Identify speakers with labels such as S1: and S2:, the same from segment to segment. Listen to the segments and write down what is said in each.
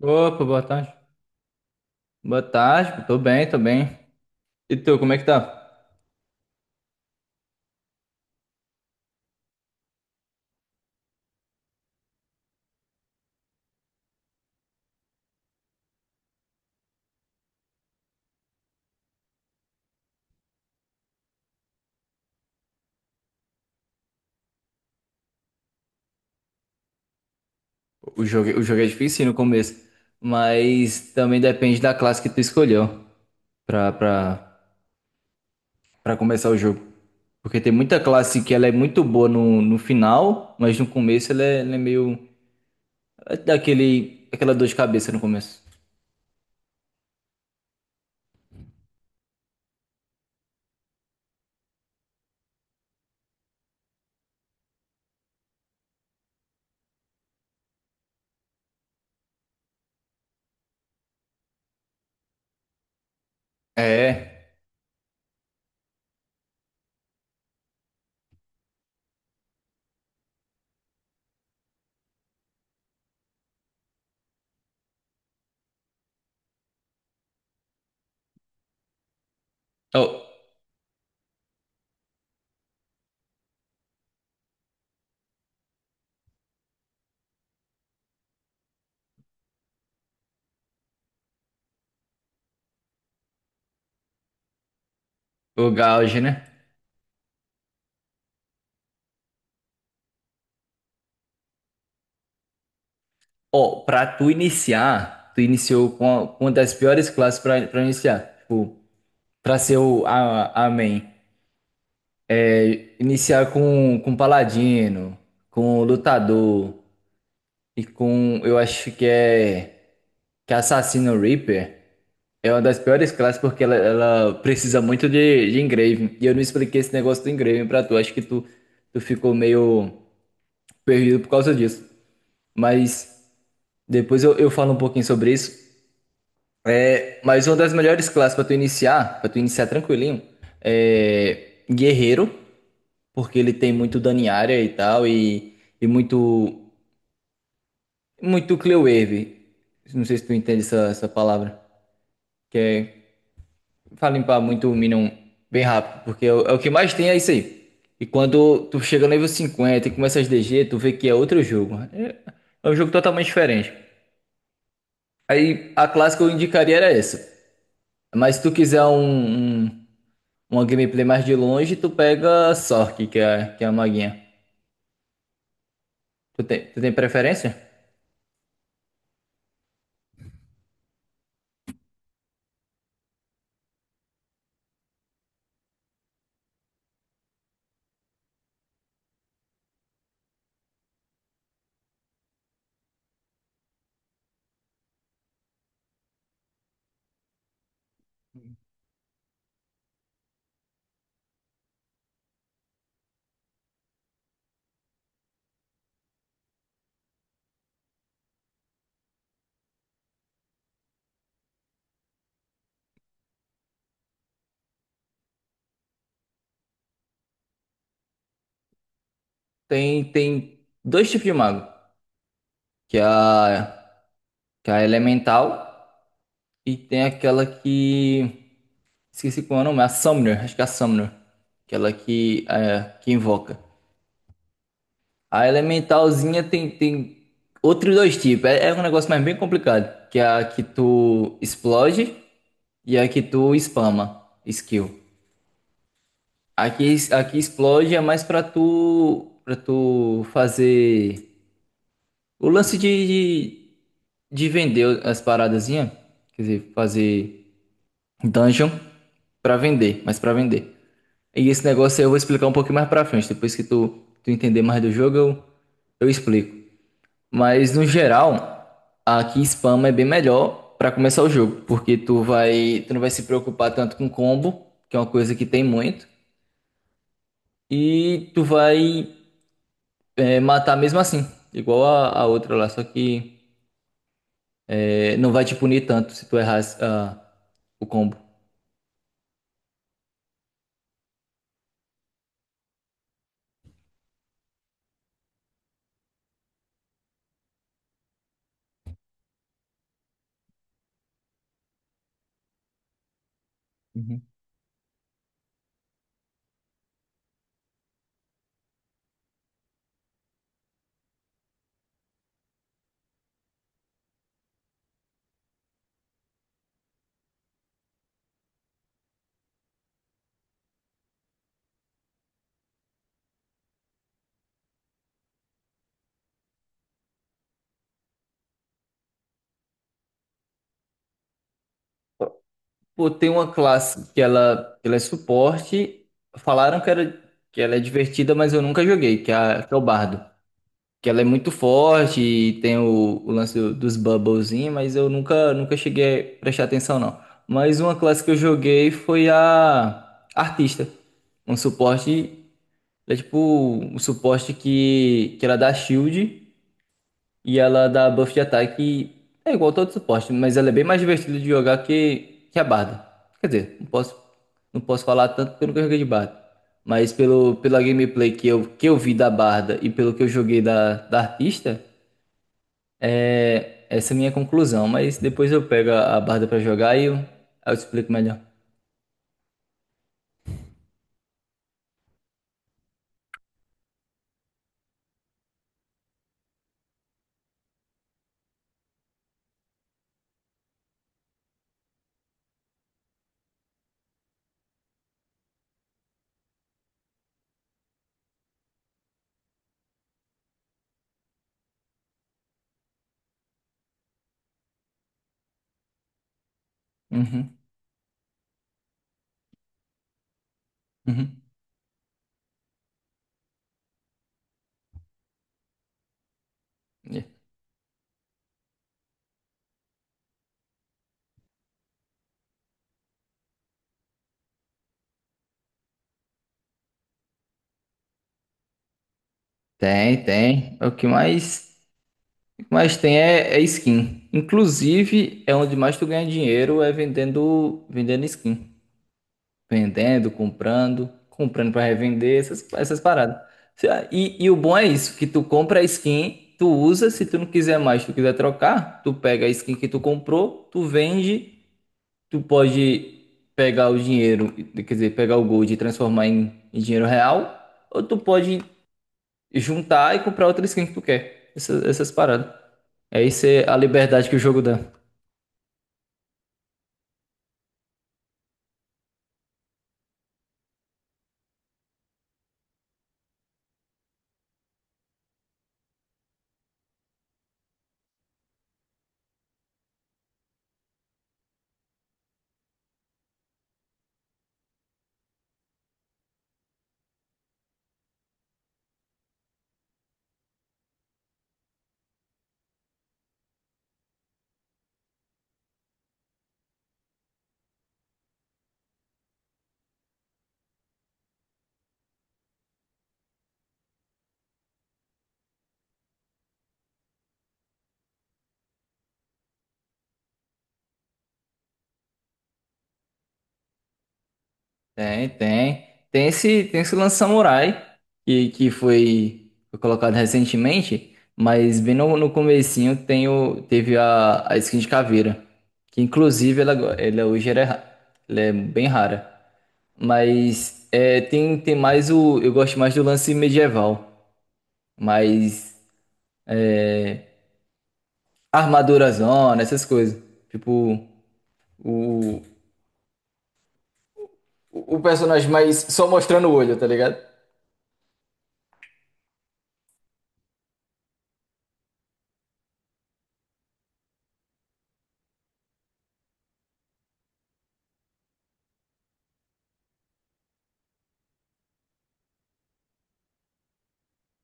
S1: Opa, boa tarde. Boa tarde, tô bem, tô bem. E tu, como é que tá? O jogo é difícil no começo, mas também depende da classe que tu escolheu pra, pra, pra começar o jogo. Porque tem muita classe que ela é muito boa no final, mas no começo ela é meio... ela dá aquela dor de cabeça no começo. É. Ó, o Gauge, né? Ó, pra tu iniciar, tu iniciou com uma das piores classes pra iniciar. Tipo, pra ser a main. Iniciar com Paladino, com Lutador e com, eu acho que é Assassino Reaper. É uma das piores classes porque ela precisa muito de engrave. E eu não expliquei esse negócio do engrave pra tu. Acho que tu ficou meio perdido por causa disso. Mas depois eu falo um pouquinho sobre isso. É, mas uma das melhores classes pra tu iniciar tranquilinho, é Guerreiro, porque ele tem muito dano em área e tal, e muito. Muito clear wave. Não sei se tu entende essa palavra. Que é pra limpar muito o Minion bem rápido. Porque é o que mais tem é isso aí. E quando tu chega no nível 50 e começa as DG, tu vê que é outro jogo. É, é um jogo totalmente diferente. Aí a classe que eu indicaria era essa. Mas se tu quiser uma gameplay mais de longe, tu pega a Sorc, que é a maguinha. Tu tem preferência? Tem, tem dois tipos de mago. Que é a, que é a elemental. E tem aquela que... Esqueci qual é o nome, a Summoner, acho que é a Summoner. Aquela que, é, que invoca. A Elementalzinha tem, tem outros dois tipos. É, é um negócio mais bem complicado. Que é a que tu explode e a que tu spama skill. Aqui explode é mais pra tu fazer o lance de vender as paradazinhas. Quer dizer, fazer Dungeon pra vender, mas pra vender. E esse negócio aí eu vou explicar um pouquinho mais pra frente. Depois que tu entender mais do jogo, eu explico. Mas no geral, aqui spam é bem melhor pra começar o jogo, porque tu não vai se preocupar tanto com combo, que é uma coisa que tem muito, e tu vai é, matar mesmo assim, igual a outra lá, só que é, não vai te punir tanto se tu errar o combo. Pô, tem uma classe que ela é suporte. Falaram que, era, que ela é divertida, mas eu nunca joguei, que é, que é o Bardo. Que ela é muito forte e tem o lance dos bubblezinhos, mas eu nunca, nunca cheguei a prestar atenção, não. Mas uma classe que eu joguei foi a Artista. Um suporte, é tipo um suporte que ela dá shield. E ela dá buff de ataque é igual todo suporte, mas ela é bem mais divertida de jogar que a Barda. Quer dizer, não posso falar tanto pelo que eu joguei de Barda. Mas pela gameplay que eu vi da Barda e pelo que eu joguei da artista, é, essa é a minha conclusão. Mas depois eu pego a Barda pra jogar e eu, aí eu explico melhor. Uhum, uhum. É. Tem, tem. O que mais tem é, é skin. Inclusive, é onde mais tu ganha dinheiro é vendendo, vendendo skin, vendendo, comprando, comprando para revender, essas, essas paradas. E o bom é isso, que tu compra a skin, tu usa, se tu não quiser mais, tu quiser trocar, tu pega a skin que tu comprou, tu vende, tu pode pegar o dinheiro, quer dizer, pegar o gold e transformar em, em dinheiro real, ou tu pode juntar e comprar outra skin que tu quer. Essas, essas paradas. É, isso é a liberdade que o jogo dá. Tem, tem. Tem esse lance Samurai, que foi, foi colocado recentemente, mas bem no comecinho tem o, teve a skin de caveira, que inclusive ela, ela hoje ela é, ela é bem rara. Mas é, tem, tem mais o... Eu gosto mais do lance medieval, mas armadura zona, essas coisas. Tipo, o, o personagem mais só mostrando o olho, tá ligado?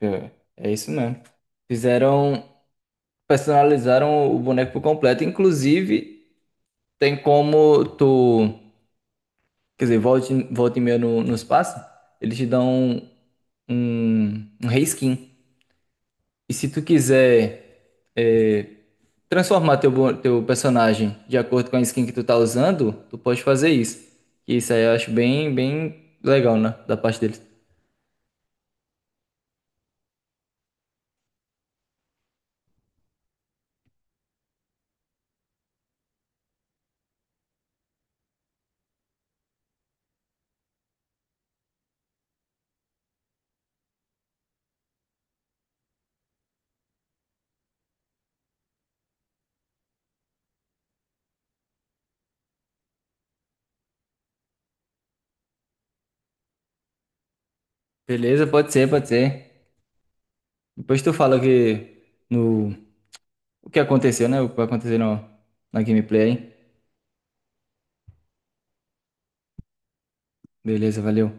S1: É, é isso mesmo. Fizeram, personalizaram o boneco por completo. Inclusive, tem como tu, quer dizer, volta, volta e meia no espaço, eles te dão um reskin. E se tu quiser é, transformar teu, teu personagem de acordo com a skin que tu tá usando, tu pode fazer isso. E isso aí eu acho bem, bem legal, né? Da parte deles. Beleza, pode ser, pode ser. Depois tu fala que no, o que aconteceu, né? O que vai acontecer no, na gameplay, hein? Beleza, valeu.